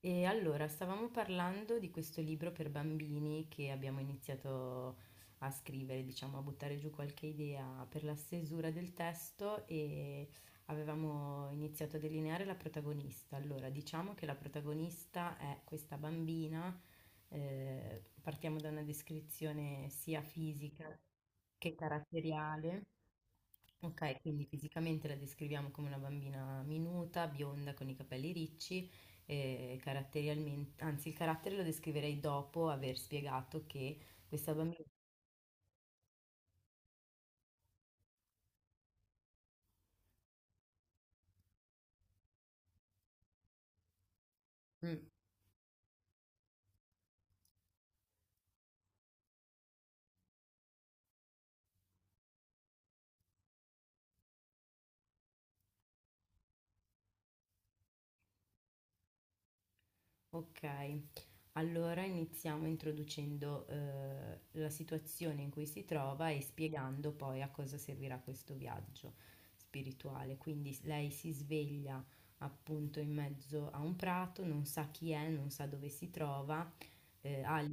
E allora, stavamo parlando di questo libro per bambini che abbiamo iniziato a scrivere, diciamo, a buttare giù qualche idea per la stesura del testo e avevamo iniziato a delineare la protagonista. Allora, diciamo che la protagonista è questa bambina, partiamo da una descrizione sia fisica che caratteriale. Ok, quindi fisicamente la descriviamo come una bambina minuta, bionda, con i capelli ricci, e caratterialmente, anzi il carattere lo descriverei dopo aver spiegato che questa bambina... Mm, ok, allora iniziamo introducendo la situazione in cui si trova e spiegando poi a cosa servirà questo viaggio spirituale. Quindi lei si sveglia appunto in mezzo a un prato, non sa chi è, non sa dove si trova eh, ha-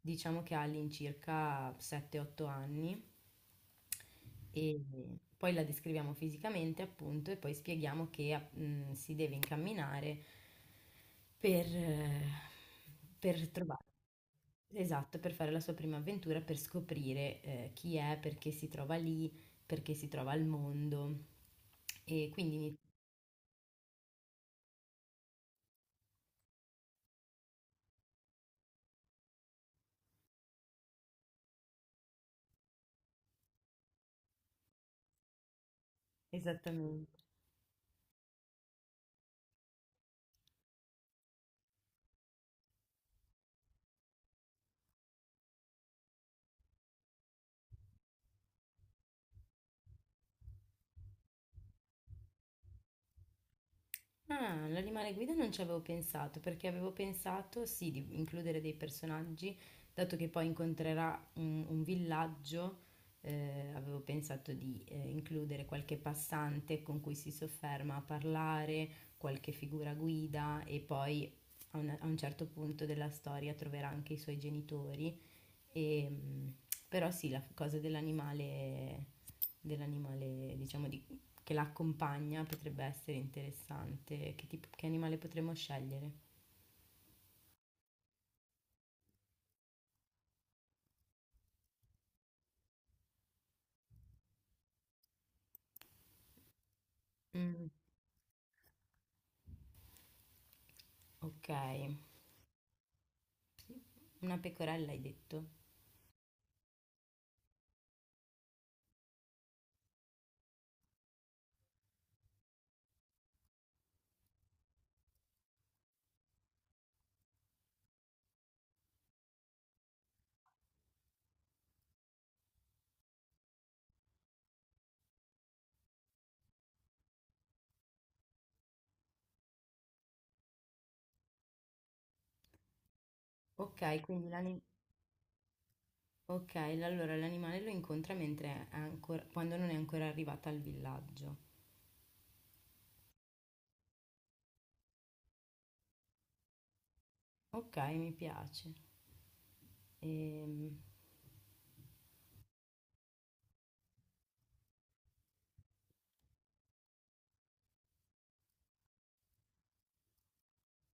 diciamo che ha all'incirca 7-8 anni e poi la descriviamo fisicamente appunto e poi spieghiamo che si deve incamminare per, eh, per trovare, esatto, per fare la sua prima avventura, per scoprire chi è, perché si trova lì, perché si trova al mondo. E quindi, esattamente. Ah, l'animale guida non ci avevo pensato, perché avevo pensato sì di includere dei personaggi, dato che poi incontrerà un villaggio, avevo pensato di includere qualche passante con cui si sofferma a parlare, qualche figura guida e poi a un certo punto della storia troverà anche i suoi genitori. E, mm, però sì, la cosa dell'animale, dell'animale, diciamo, di che la accompagna potrebbe essere interessante. Che, tipo, che animale potremmo scegliere? Mm, ok, una pecorella hai detto. Ok, quindi l'ani- ok, allora l'animale lo incontra mentre è ancora, quando non è ancora arrivata al villaggio. Ok, mi piace. Ehm,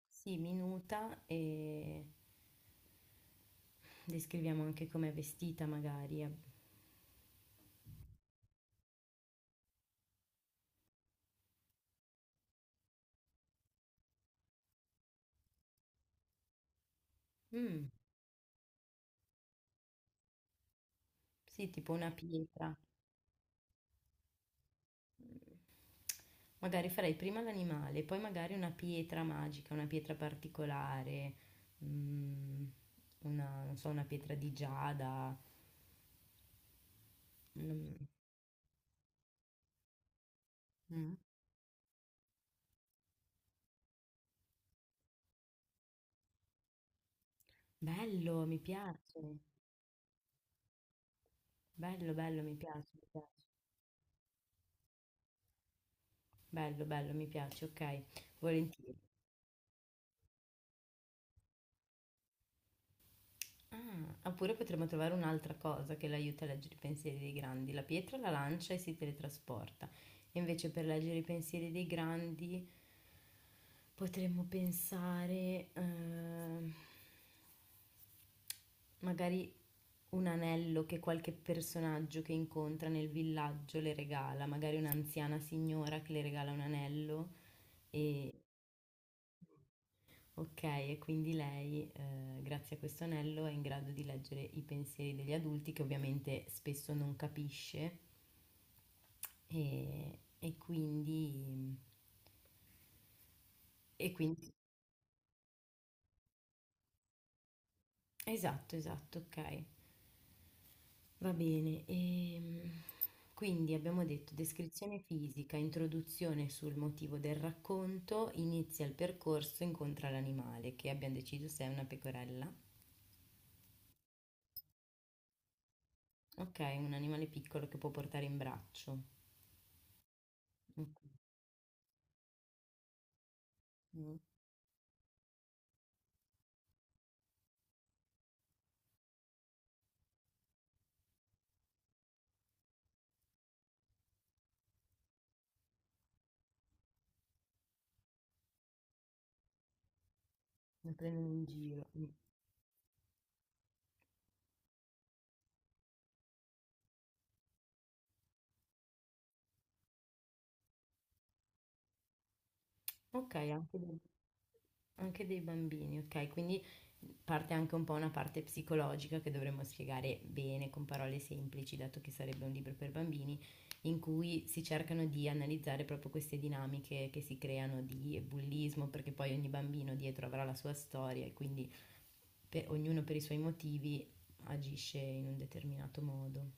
sì, minuta e descriviamo anche com'è vestita magari. Mm, sì, tipo una pietra. Magari farei prima l'animale, poi magari una pietra magica, una pietra particolare, mm, una, non so, una pietra di giada. Mm. Mm. Bello, mi piace. Bello, bello, mi piace, mi piace. Bello, bello, mi piace, ok. Volentieri. Ah, oppure potremmo trovare un'altra cosa che l'aiuta a leggere i pensieri dei grandi. La pietra la lancia e si teletrasporta. Invece per leggere i pensieri dei grandi potremmo pensare... magari un anello che qualche personaggio che incontra nel villaggio le regala, magari un'anziana signora che le regala un anello e ok, e quindi lei grazie a questo anello è in grado di leggere i pensieri degli adulti che ovviamente spesso non capisce e quindi... E quindi... Esatto, esatto, ok. Va bene, quindi abbiamo detto descrizione fisica, introduzione sul motivo del racconto, inizia il percorso, incontra l'animale, che abbiamo deciso se è una pecorella. Ok, un animale piccolo che può portare in braccio. Ok, mm. Lo prendono in giro. Mm. Ok, anche del... Anche dei bambini, okay, quindi parte anche un po' una parte psicologica che dovremmo spiegare bene con parole semplici, dato che sarebbe un libro per bambini, in cui si cercano di analizzare proprio queste dinamiche che si creano di bullismo, perché poi ogni bambino dietro avrà la sua storia e quindi ognuno per i suoi motivi agisce in un determinato modo.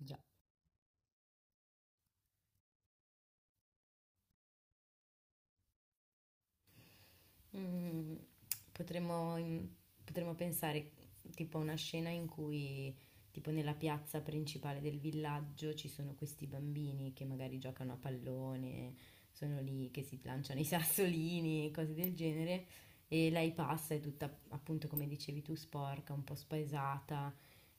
Già. Mm, mm, potremmo pensare tipo a una scena in cui, tipo nella piazza principale del villaggio, ci sono questi bambini che magari giocano a pallone, sono lì che si lanciano i sassolini, cose del genere, e lei passa, è tutta appunto come dicevi tu, sporca, un po' spaesata,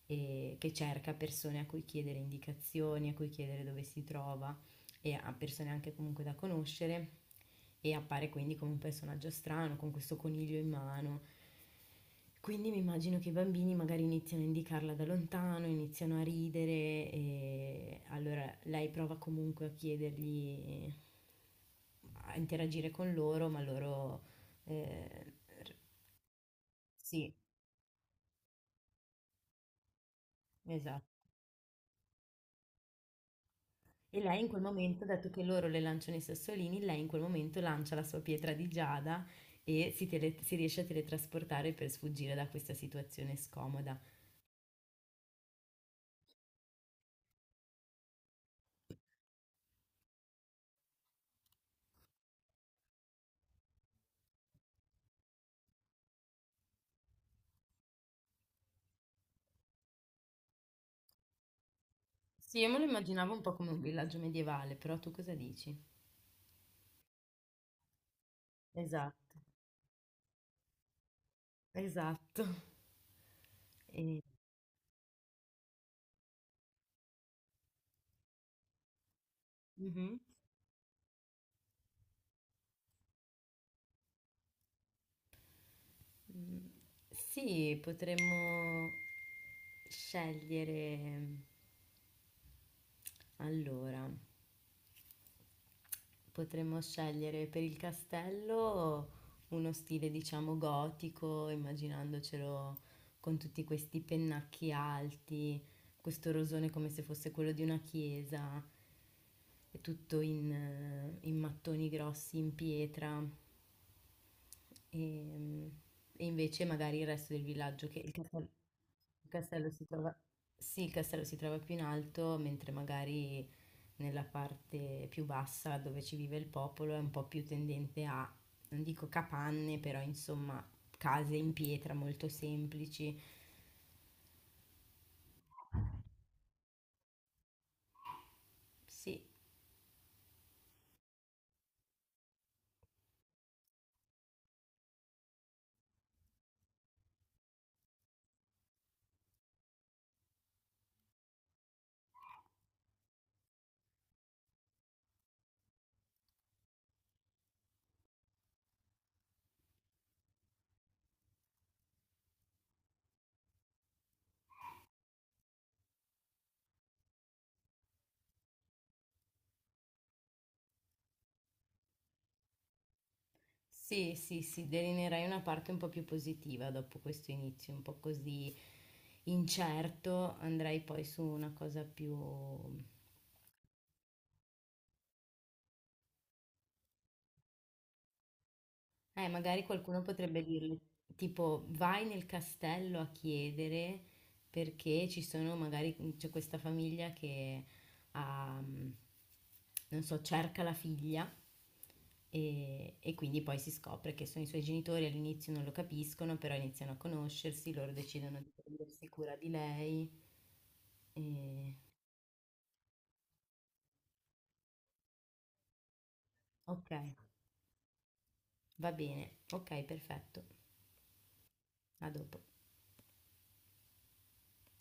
e che cerca persone a cui chiedere indicazioni, a cui chiedere dove si trova e a persone anche comunque da conoscere e appare quindi come un personaggio strano con questo coniglio in mano. Quindi mi immagino che i bambini magari iniziano a indicarla da lontano, iniziano a ridere e allora lei prova comunque a chiedergli, a interagire con loro, ma loro... eh, r- sì, esatto. E lei in quel momento, dato che loro le lanciano i sassolini, lei in quel momento lancia la sua pietra di giada e si riesce a teletrasportare per sfuggire da questa situazione scomoda. Sì, io me lo immaginavo un po' come un villaggio medievale, però tu cosa dici? Esatto, esatto. E- Mhm. Mm, sì, potremmo scegliere allora. Potremmo scegliere per il castello uno stile, diciamo, gotico, immaginandocelo con tutti questi pennacchi alti, questo rosone come se fosse quello di una chiesa, e tutto in mattoni grossi, in pietra. E, e invece magari il resto del villaggio, che il castello... Il castello si trova... Sì, il castello si trova più in alto, mentre magari nella parte più bassa dove ci vive il popolo è un po' più tendente a, non dico capanne, però insomma case in pietra molto semplici. Sì, sì, sì, sì, delineerai una parte un po' più positiva dopo questo inizio, un po' così incerto, andrai poi su una cosa più... magari qualcuno potrebbe dirgli, tipo, vai nel castello a chiedere perché ci sono, magari c'è questa famiglia che ha, mm, non so, cerca la figlia e quindi poi si scopre che sono i suoi genitori, all'inizio non lo capiscono, però iniziano a conoscersi, loro decidono di prendersi cura di lei. E... Ok, va bene, ok, perfetto, a dopo.